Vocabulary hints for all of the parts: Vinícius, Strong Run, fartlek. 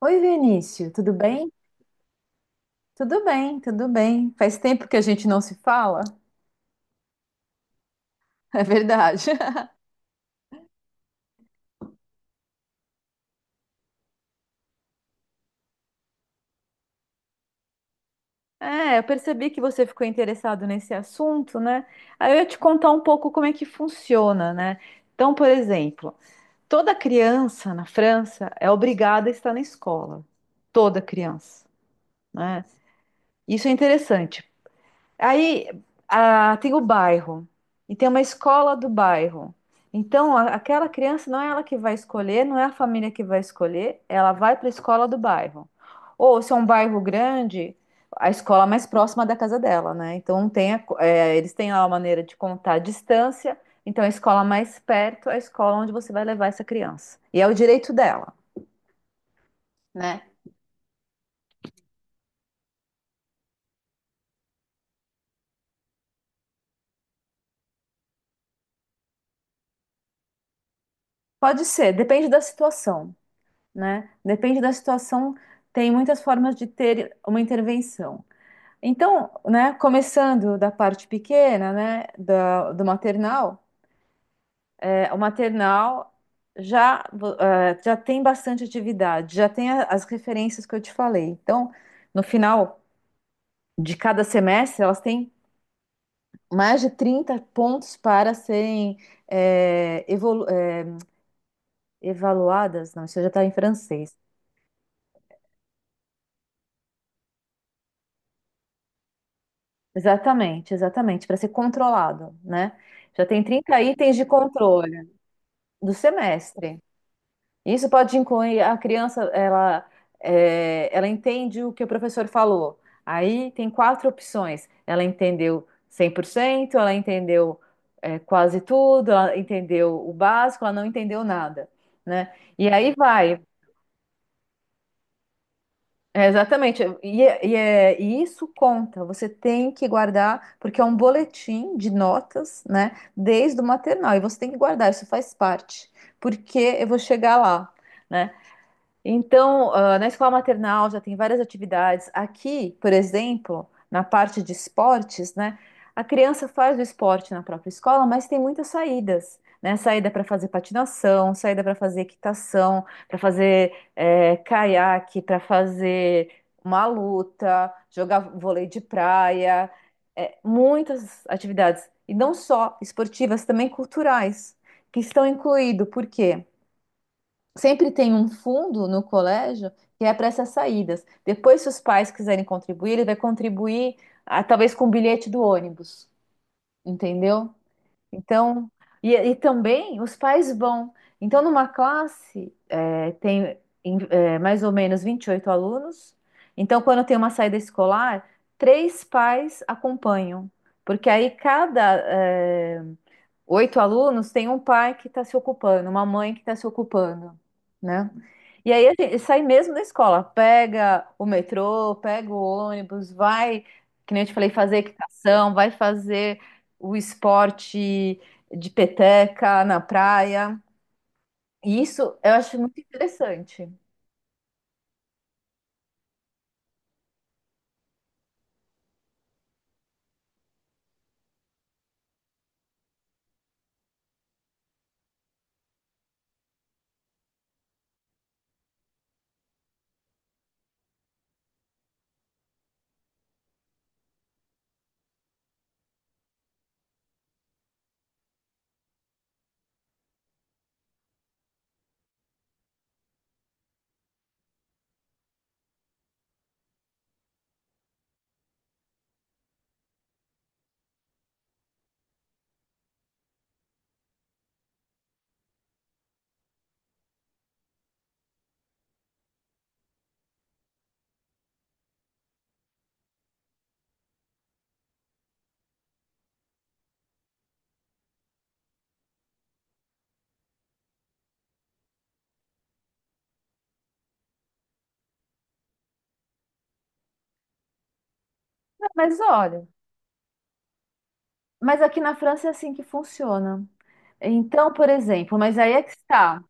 Oi, Vinícius, tudo bem? Tudo bem, tudo bem. Faz tempo que a gente não se fala, é verdade. Eu percebi que você ficou interessado nesse assunto, né? Aí eu ia te contar um pouco como é que funciona, né? Então, por exemplo, toda criança na França é obrigada a estar na escola. Toda criança, né? Isso é interessante. Aí Tem o bairro e tem uma escola do bairro. Então, aquela criança não é ela que vai escolher, não é a família que vai escolher, ela vai para a escola do bairro. Ou se é um bairro grande, a escola mais próxima da casa dela, né? Então, tem a co- é, eles têm lá uma maneira de contar a distância. Então, a escola mais perto é a escola onde você vai levar essa criança. E é o direito dela, né? Pode ser, depende da situação, né? Depende da situação, tem muitas formas de ter uma intervenção. Então, né, começando da parte pequena, né, do maternal, o maternal já, já tem bastante atividade, já tem as referências que eu te falei. Então, no final de cada semestre, elas têm mais de 30 pontos para serem eh, evolu- eh, evaluadas. Não, isso já está em francês. Exatamente, exatamente, para ser controlado, né? Já tem 30 itens de controle do semestre. Isso pode incluir a criança, ela, é, ela entende o que o professor falou. Aí tem quatro opções. Ela entendeu 100%, ela entendeu, é, quase tudo, ela entendeu o básico, ela não entendeu nada, né? E aí vai. É, exatamente. E isso conta. Você tem que guardar, porque é um boletim de notas, né? Desde o maternal. E você tem que guardar, isso faz parte. Porque eu vou chegar lá, né? Então, ah, na escola maternal já tem várias atividades. Aqui, por exemplo, na parte de esportes, né? A criança faz o esporte na própria escola, mas tem muitas saídas, né? Saída para fazer patinação, saída para fazer equitação, para fazer caiaque, para fazer uma luta, jogar vôlei de praia, muitas atividades. E não só esportivas, também culturais, que estão incluídos. Por quê? Sempre tem um fundo no colégio que é para essas saídas. Depois, se os pais quiserem contribuir, ele vai contribuir, ah, talvez com o bilhete do ônibus, entendeu? Então, e também os pais vão. Então, numa classe, tem mais ou menos 28 alunos. Então, quando tem uma saída escolar, três pais acompanham, porque aí cada, é, oito alunos, tem um pai que está se ocupando, uma mãe que está se ocupando, né? E aí a gente sai mesmo da escola, pega o metrô, pega o ônibus, vai, que nem eu te falei, fazer equitação, vai fazer o esporte de peteca na praia. E isso eu acho muito interessante. Não, mas olha, mas aqui na França é assim que funciona. Então, por exemplo, mas aí é que está.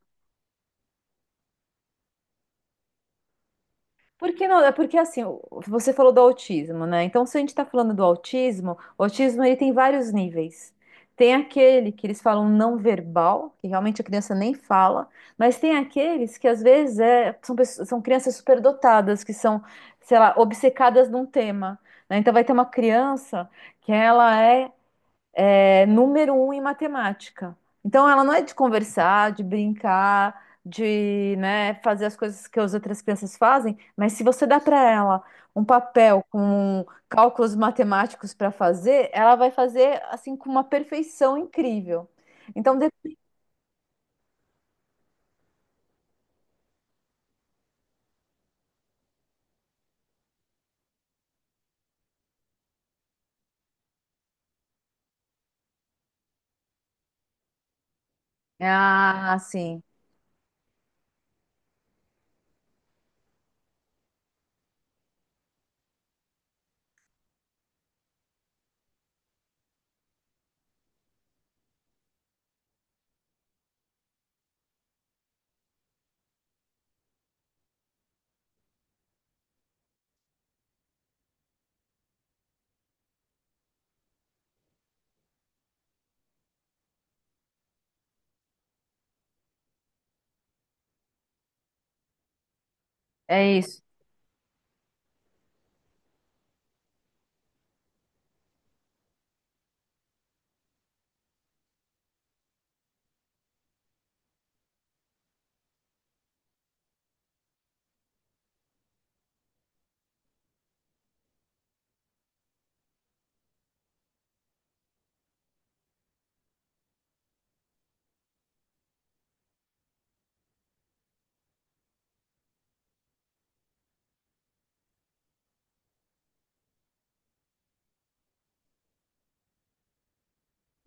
Porque não, é porque assim, você falou do autismo, né? Então, se a gente está falando do autismo, o autismo ele tem vários níveis. Tem aquele que eles falam não verbal, que realmente a criança nem fala, mas tem aqueles que às vezes são crianças superdotadas, que são, sei lá, obcecadas num tema, né? Então vai ter uma criança que ela é é número um em matemática. Então, ela não é de conversar, de brincar, de, né, fazer as coisas que as outras crianças fazem, mas se você dá para ela um papel com cálculos matemáticos para fazer, ela vai fazer assim com uma perfeição incrível. Então, de... ah, sim, é isso.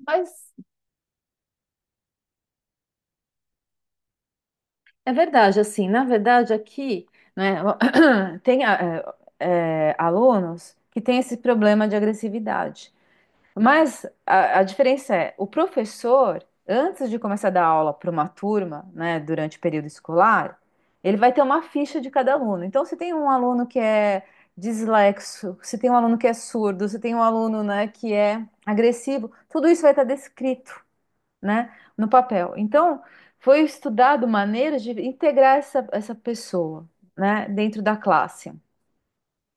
Mas é verdade, assim, na verdade aqui, né, tem alunos que têm esse problema de agressividade. Mas a diferença é, o professor, antes de começar a dar aula para uma turma, né, durante o período escolar, ele vai ter uma ficha de cada aluno. Então, se tem um aluno que é dislexo, se tem um aluno que é surdo, se tem um aluno, né, que é agressivo, tudo isso vai estar descrito, né, no papel. Então, foi estudado maneiras de integrar essa pessoa, né, dentro da classe.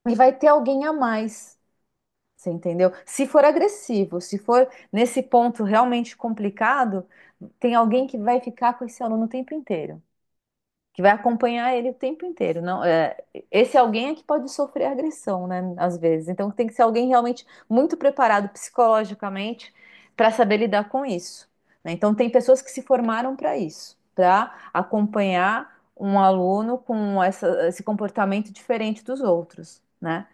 E vai ter alguém a mais, você entendeu? Se for agressivo, se for nesse ponto realmente complicado, tem alguém que vai ficar com esse aluno o tempo inteiro, que vai acompanhar ele o tempo inteiro. Não, é, esse alguém é que pode sofrer agressão, né? Às vezes. Então tem que ser alguém realmente muito preparado psicologicamente para saber lidar com isso, né? Então tem pessoas que se formaram para isso, para acompanhar um aluno com esse comportamento diferente dos outros, né?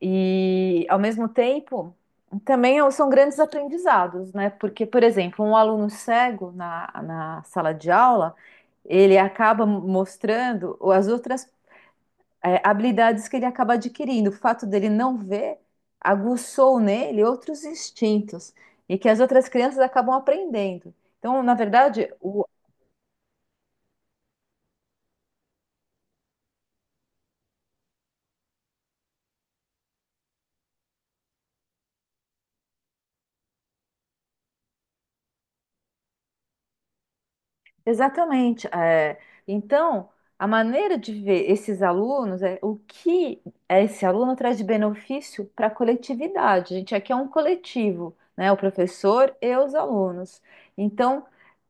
E, ao mesmo tempo, também são grandes aprendizados, né? Porque, por exemplo, um aluno cego na sala de aula, ele acaba mostrando as outras habilidades que ele acaba adquirindo. O fato dele não ver aguçou nele outros instintos e que as outras crianças acabam aprendendo. Então, na verdade, o... Exatamente. É, então, a maneira de ver esses alunos é o que esse aluno traz de benefício para a coletividade. A gente aqui é um coletivo, né? O professor e os alunos. Então,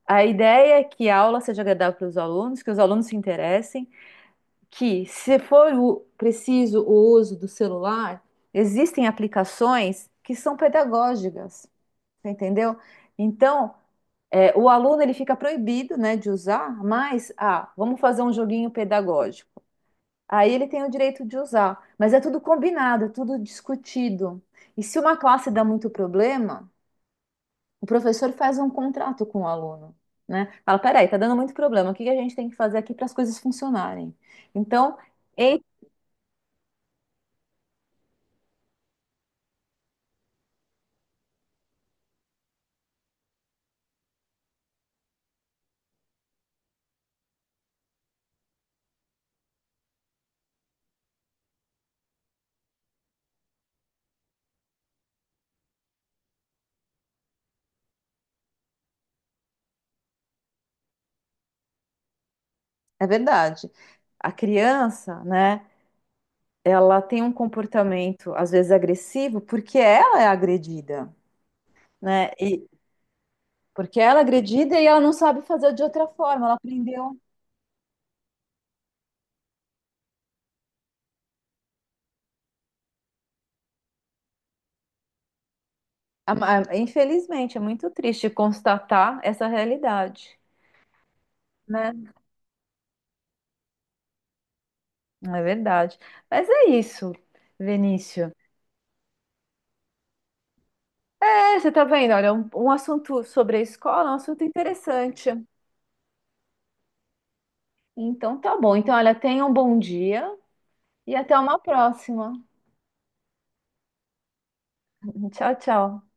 a ideia é que a aula seja agradável para os alunos, que os alunos se interessem, que se for preciso o uso do celular, existem aplicações que são pedagógicas, você entendeu? Então, é, o aluno ele fica proibido, né, de usar, mas ah, vamos fazer um joguinho pedagógico. Aí ele tem o direito de usar, mas é tudo combinado, é tudo discutido. E se uma classe dá muito problema, o professor faz um contrato com o aluno, né? Fala, peraí, tá dando muito problema. O que que a gente tem que fazer aqui para as coisas funcionarem? Então, ei, é verdade. A criança, né? Ela tem um comportamento às vezes agressivo porque ela é agredida, né? Porque ela é agredida e ela não sabe fazer de outra forma, ela aprendeu. A- Infelizmente, é muito triste constatar essa realidade, né? É verdade. Mas é isso, Vinícius. É, você tá vendo, olha, um assunto sobre a escola, é um assunto interessante. Então tá bom. Então, olha, tenha um bom dia e até uma próxima. Tchau, tchau.